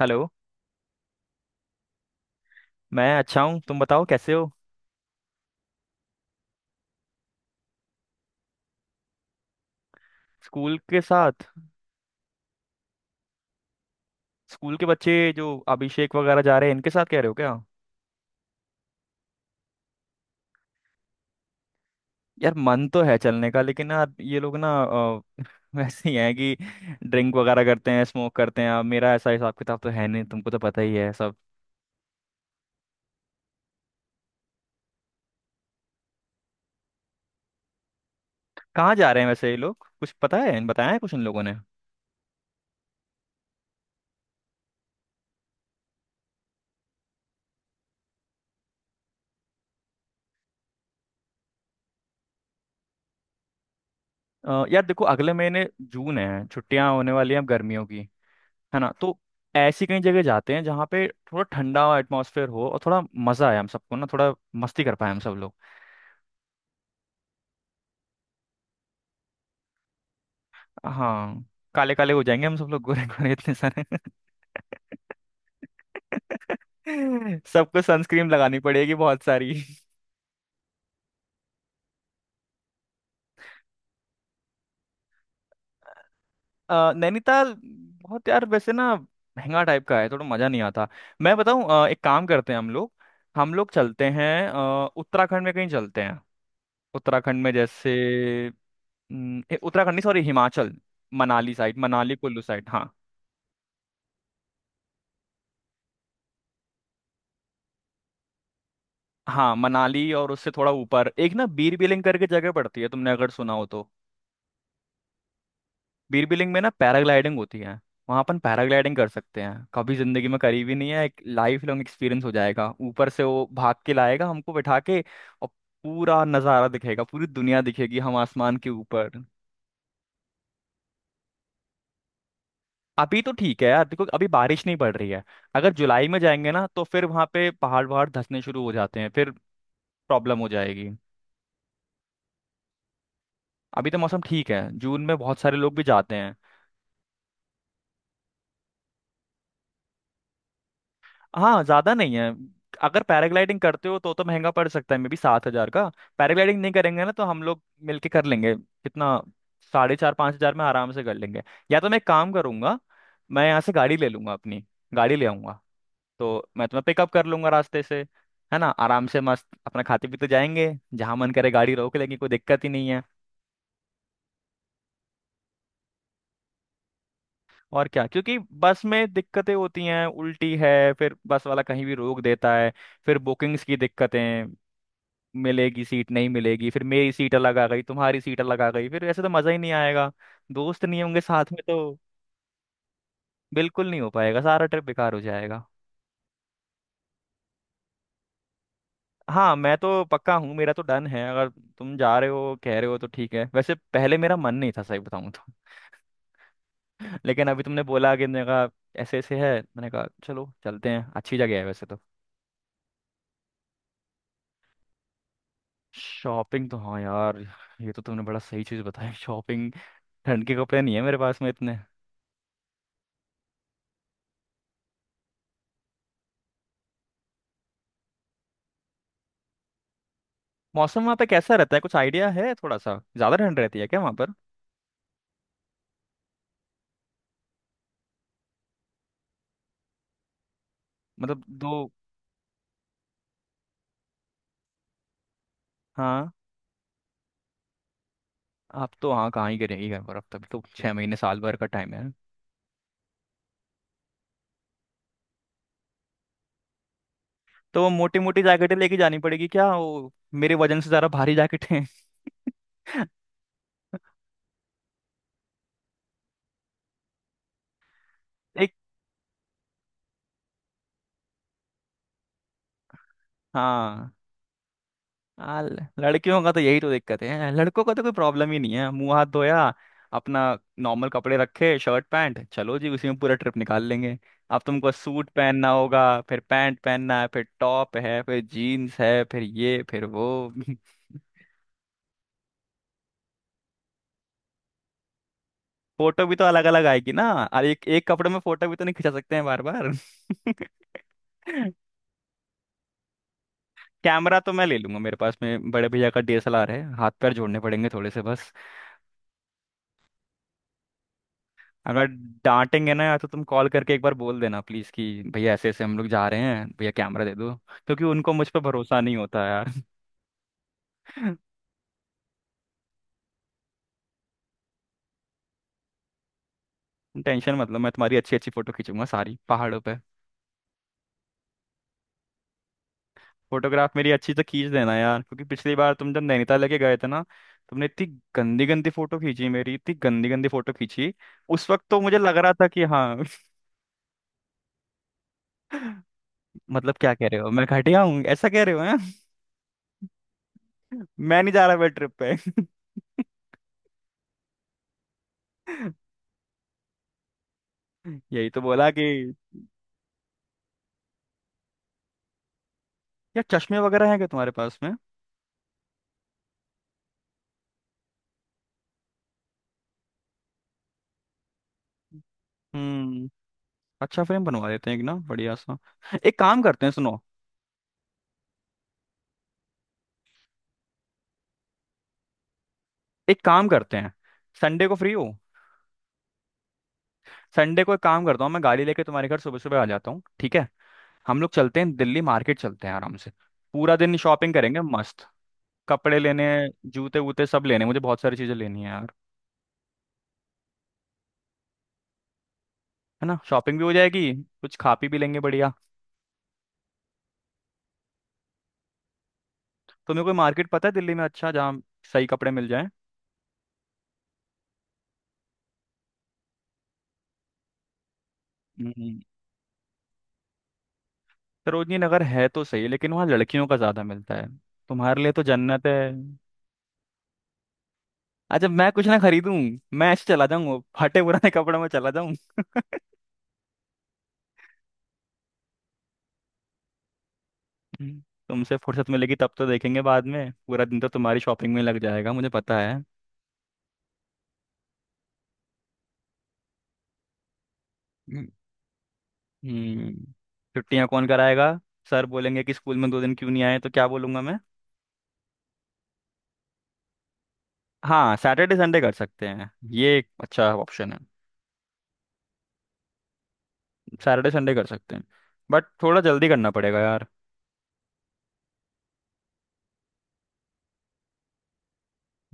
Hello. मैं अच्छा हूँ, तुम बताओ कैसे हो। स्कूल के साथ। स्कूल के बच्चे जो अभिषेक वगैरह जा रहे हैं इनके साथ कह रहे हो क्या। यार मन तो है चलने का, लेकिन यार ये लोग ना वैसे ही हैं कि ड्रिंक वगैरह करते हैं, स्मोक करते हैं। अब मेरा ऐसा हिसाब किताब तो है नहीं, तुमको तो पता ही है सब। कहाँ जा रहे हैं वैसे ये लोग, कुछ पता है, बताया है कुछ इन लोगों ने। यार देखो, अगले महीने जून है, छुट्टियां होने वाली हैं अब गर्मियों की, है ना। तो ऐसी कई जगह जाते हैं जहाँ पे थोड़ा ठंडा एटमॉस्फेयर हो, और थोड़ा मजा आए हम सबको ना, थोड़ा मस्ती कर पाए हम सब लोग। हाँ, काले काले हो जाएंगे हम सब लोग, गोरे गोरे इतने सारे। सबको सनस्क्रीन लगानी पड़ेगी बहुत सारी। नैनीताल बहुत यार वैसे ना, महंगा टाइप का है, थोड़ा मजा नहीं आता। मैं बताऊं, एक काम करते हैं हम लोग। हम लोग चलते हैं, उत्तराखंड में कहीं चलते हैं। उत्तराखंड में जैसे। उत्तराखंड नहीं, sorry, Himachal. Manali side, Manali Kullu side, हाँ। हाँ, मनाली, और उससे थोड़ा ऊपर एक ना, बीर बिलिंग करके जगह पड़ती है, तुमने अगर सुना हो तो। बीर बिलिंग में ना पैराग्लाइडिंग होती है। वहाँ अपन पैराग्लाइडिंग कर सकते हैं, कभी जिंदगी में करी भी नहीं है, एक लाइफ लॉन्ग एक्सपीरियंस हो जाएगा, ऊपर से वो भाग के लाएगा हमको बैठा के। और पूरा नज़ारा दिखेगा, पूरी दुनिया दिखेगी, हम आसमान के ऊपर। अभी तो ठीक है यार, देखो अभी बारिश नहीं पड़ रही है। अगर जुलाई में जाएंगे ना तो फिर वहां पे पहाड़ वहाड़ धंसने शुरू हो जाते हैं, फिर प्रॉब्लम हो जाएगी। अभी तो मौसम ठीक है, जून में बहुत सारे लोग भी जाते हैं। हाँ, ज्यादा नहीं है। अगर पैराग्लाइडिंग करते हो तो महंगा पड़ सकता है, मे बी 7 हजार का। पैराग्लाइडिंग नहीं करेंगे ना तो हम लोग मिलके कर लेंगे, कितना, साढ़े चार पाँच हजार में आराम से कर लेंगे। या तो मैं एक काम करूंगा, मैं यहाँ से गाड़ी ले लूंगा अपनी, गाड़ी ले आऊंगा। तो मैं तुम्हें पिकअप कर लूंगा रास्ते से, है ना। आराम से मस्त अपना खाते पीते जाएंगे, जहां मन करे गाड़ी रोक लेंगे, कोई दिक्कत ही नहीं है। और क्या, क्योंकि बस में दिक्कतें होती हैं, उल्टी है, फिर बस वाला कहीं भी रोक देता है। फिर बुकिंग्स की दिक्कतें, मिलेगी सीट नहीं मिलेगी, फिर मेरी सीट अलग आ गई, तुम्हारी सीट अलग आ गई, फिर ऐसे तो मजा ही नहीं आएगा। दोस्त नहीं होंगे साथ में तो बिल्कुल नहीं हो पाएगा, सारा ट्रिप बेकार हो जाएगा। हाँ, मैं तो पक्का हूँ, मेरा तो डन है। अगर तुम जा रहे हो, कह रहे हो तो ठीक है। वैसे पहले मेरा मन नहीं था, सही बताऊँ तो। लेकिन अभी तुमने बोला कि मैंने कहा, ऐसे ऐसे है, मैंने कहा चलो चलते हैं, अच्छी जगह है वैसे तो। शॉपिंग तो हाँ यार, ये तो तुमने बड़ा सही चीज़ बताई, शॉपिंग। ठंड के कपड़े नहीं है मेरे पास में इतने। मौसम वहाँ पे कैसा रहता है, कुछ आइडिया है, थोड़ा सा ज़्यादा ठंड रहती है क्या वहाँ पर। मतलब दो, हाँ। आप तो हाँ कहाँ ही करेंगी यहाँ पर, अब तक तो 6 महीने साल भर का टाइम है। तो मोटी मोटी जैकेटें लेके जानी पड़ेगी क्या वो, मेरे वजन से ज़रा भारी जैकेटें। एक, हाँ। लड़कियों का तो यही तो दिक्कत है, लड़कों का तो कोई प्रॉब्लम ही नहीं है, मुंह हाथ धोया अपना, नॉर्मल कपड़े रखे शर्ट पैंट, चलो जी उसी में पूरा ट्रिप निकाल लेंगे। अब तुमको सूट पहनना होगा, फिर पैंट पहनना है, फिर टॉप है, फिर जीन्स है, फिर ये फिर वो। फोटो भी तो अलग अलग आएगी ना, और एक एक कपड़े में फोटो भी तो नहीं खिंचा सकते हैं बार बार। कैमरा तो मैं ले लूंगा, मेरे पास में बड़े भैया का डीएसएलआर है, हाथ पैर जोड़ने पड़ेंगे थोड़े से बस। अगर डांटेंगे ना यार तो तुम कॉल करके एक बार बोल देना प्लीज, कि भैया ऐसे ऐसे हम लोग जा रहे हैं, भैया कैमरा दे दो, क्योंकि उनको मुझ पर भरोसा नहीं होता यार। टेंशन मत लो, मैं तुम्हारी अच्छी अच्छी फोटो खींचूंगा सारी पहाड़ों पे। फोटोग्राफ मेरी अच्छी से खींच देना यार, क्योंकि पिछली बार तुम जब नैनीताल लेके गए थे ना, तुमने इतनी गंदी गंदी फोटो खींची मेरी, इतनी गंदी गंदी फोटो खींची, उस वक्त तो मुझे लग रहा था कि हाँ। मतलब क्या कह रहे हो, मैं घटिया हूँ ऐसा कह रहे हो हैं? मैं नहीं जा रहा मैं ट्रिप पे। यही तो बोला कि यार, चश्मे वगैरह हैं क्या तुम्हारे पास में। हम्म। अच्छा, फ्रेम बनवा देते हैं एक ना, बढ़िया सा। एक काम करते हैं, सुनो, एक काम करते हैं। संडे को फ्री हो। संडे को एक काम करता हूँ, मैं गाड़ी लेके तुम्हारे घर सुबह सुबह आ जाता हूँ, ठीक है। हम लोग चलते हैं दिल्ली, मार्केट चलते हैं आराम से, पूरा दिन शॉपिंग करेंगे मस्त। कपड़े लेने, जूते वूते सब लेने, मुझे बहुत सारी चीजें लेनी है यार, है ना। शॉपिंग भी हो जाएगी, कुछ खा पी भी लेंगे, बढ़िया। तुम्हें कोई मार्केट पता है दिल्ली में अच्छा, जहाँ सही कपड़े मिल जाए। सरोजनी नगर है तो सही, लेकिन वहाँ लड़कियों का ज्यादा मिलता है, तुम्हारे लिए तो जन्नत है। अच्छा, मैं कुछ ना खरीदूं, मैं ऐसे चला जाऊं, फटे पुराने कपड़ों में चला जाऊं। हम्म, तुमसे फुर्सत मिलेगी तब तो देखेंगे बाद में, पूरा दिन तो तुम्हारी शॉपिंग में लग जाएगा, मुझे पता है। हम्म। छुट्टियां कौन कराएगा, सर बोलेंगे कि स्कूल में 2 दिन क्यों नहीं आए तो क्या बोलूंगा मैं। हाँ, सैटरडे संडे कर सकते हैं, ये एक अच्छा ऑप्शन है। सैटरडे संडे कर सकते हैं। बट थोड़ा जल्दी करना पड़ेगा यार।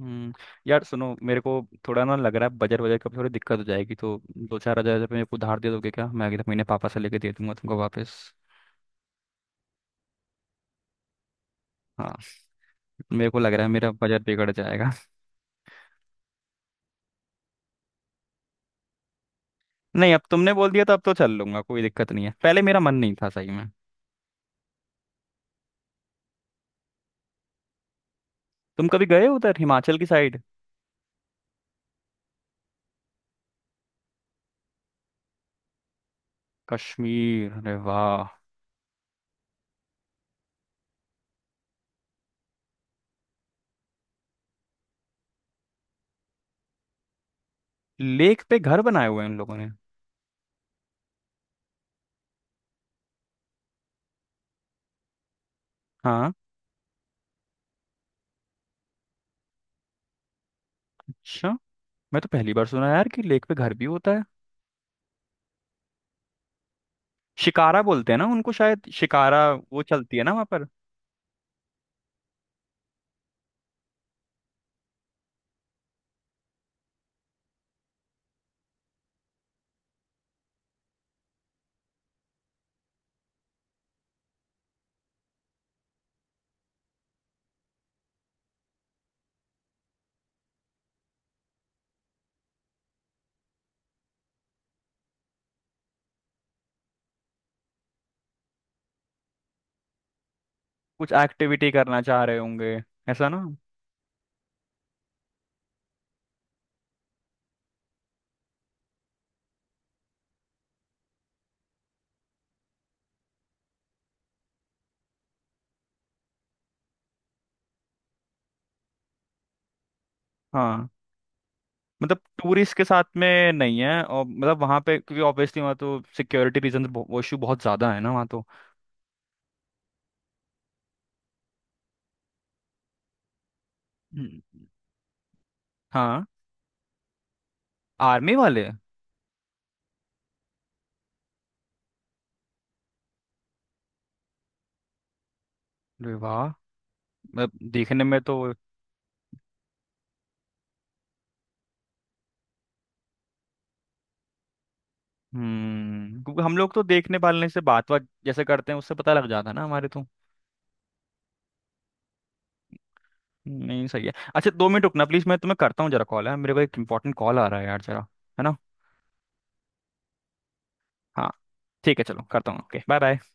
हम्म यार सुनो मेरे को, थोड़ा ना लग रहा है बजट, बजट का थोड़ी दिक्कत हो जाएगी। तो दो चार हजार रुपये मेरे को उधार दे दोगे क्या, मैं अगले महीने पापा से लेके दे दूंगा तुमको वापस। हाँ, मेरे को लग रहा है मेरा बजट बिगड़ जाएगा। नहीं, अब तुमने बोल दिया तो अब तो चल लूंगा, कोई दिक्कत नहीं है, पहले मेरा मन नहीं था सही में। तुम कभी गए हो उधर हिमाचल की साइड। कश्मीर, अरे वाह। लेक पे घर बनाए हुए हैं उन लोगों ने, हाँ। अच्छा, मैं तो पहली बार सुना यार कि लेक पे घर भी होता है। शिकारा बोलते हैं ना उनको शायद, शिकारा। वो चलती है ना वहाँ पर। कुछ एक्टिविटी करना चाह रहे होंगे, ऐसा ना, हाँ। मतलब टूरिस्ट के साथ में नहीं है, और मतलब वहाँ पे क्योंकि ऑब्वियसली वहाँ तो सिक्योरिटी रीजन, वो इशू बहुत ज़्यादा है ना वहाँ तो। हम्म, हाँ, आर्मी वाले। अरे वाह, मतलब देखने में तो। हम्म, क्योंकि हम लोग तो देखने वालने से बात बात जैसे करते हैं, उससे पता लग जाता है ना हमारे तो। नहीं, सही है। अच्छा, 2 मिनट रुकना प्लीज़, मैं तुम्हें करता हूँ जरा, कॉल है मेरे को, एक इंपॉर्टेंट कॉल आ रहा है यार जरा, है ना। हाँ, ठीक है, चलो करता हूँ, ओके बाय बाय।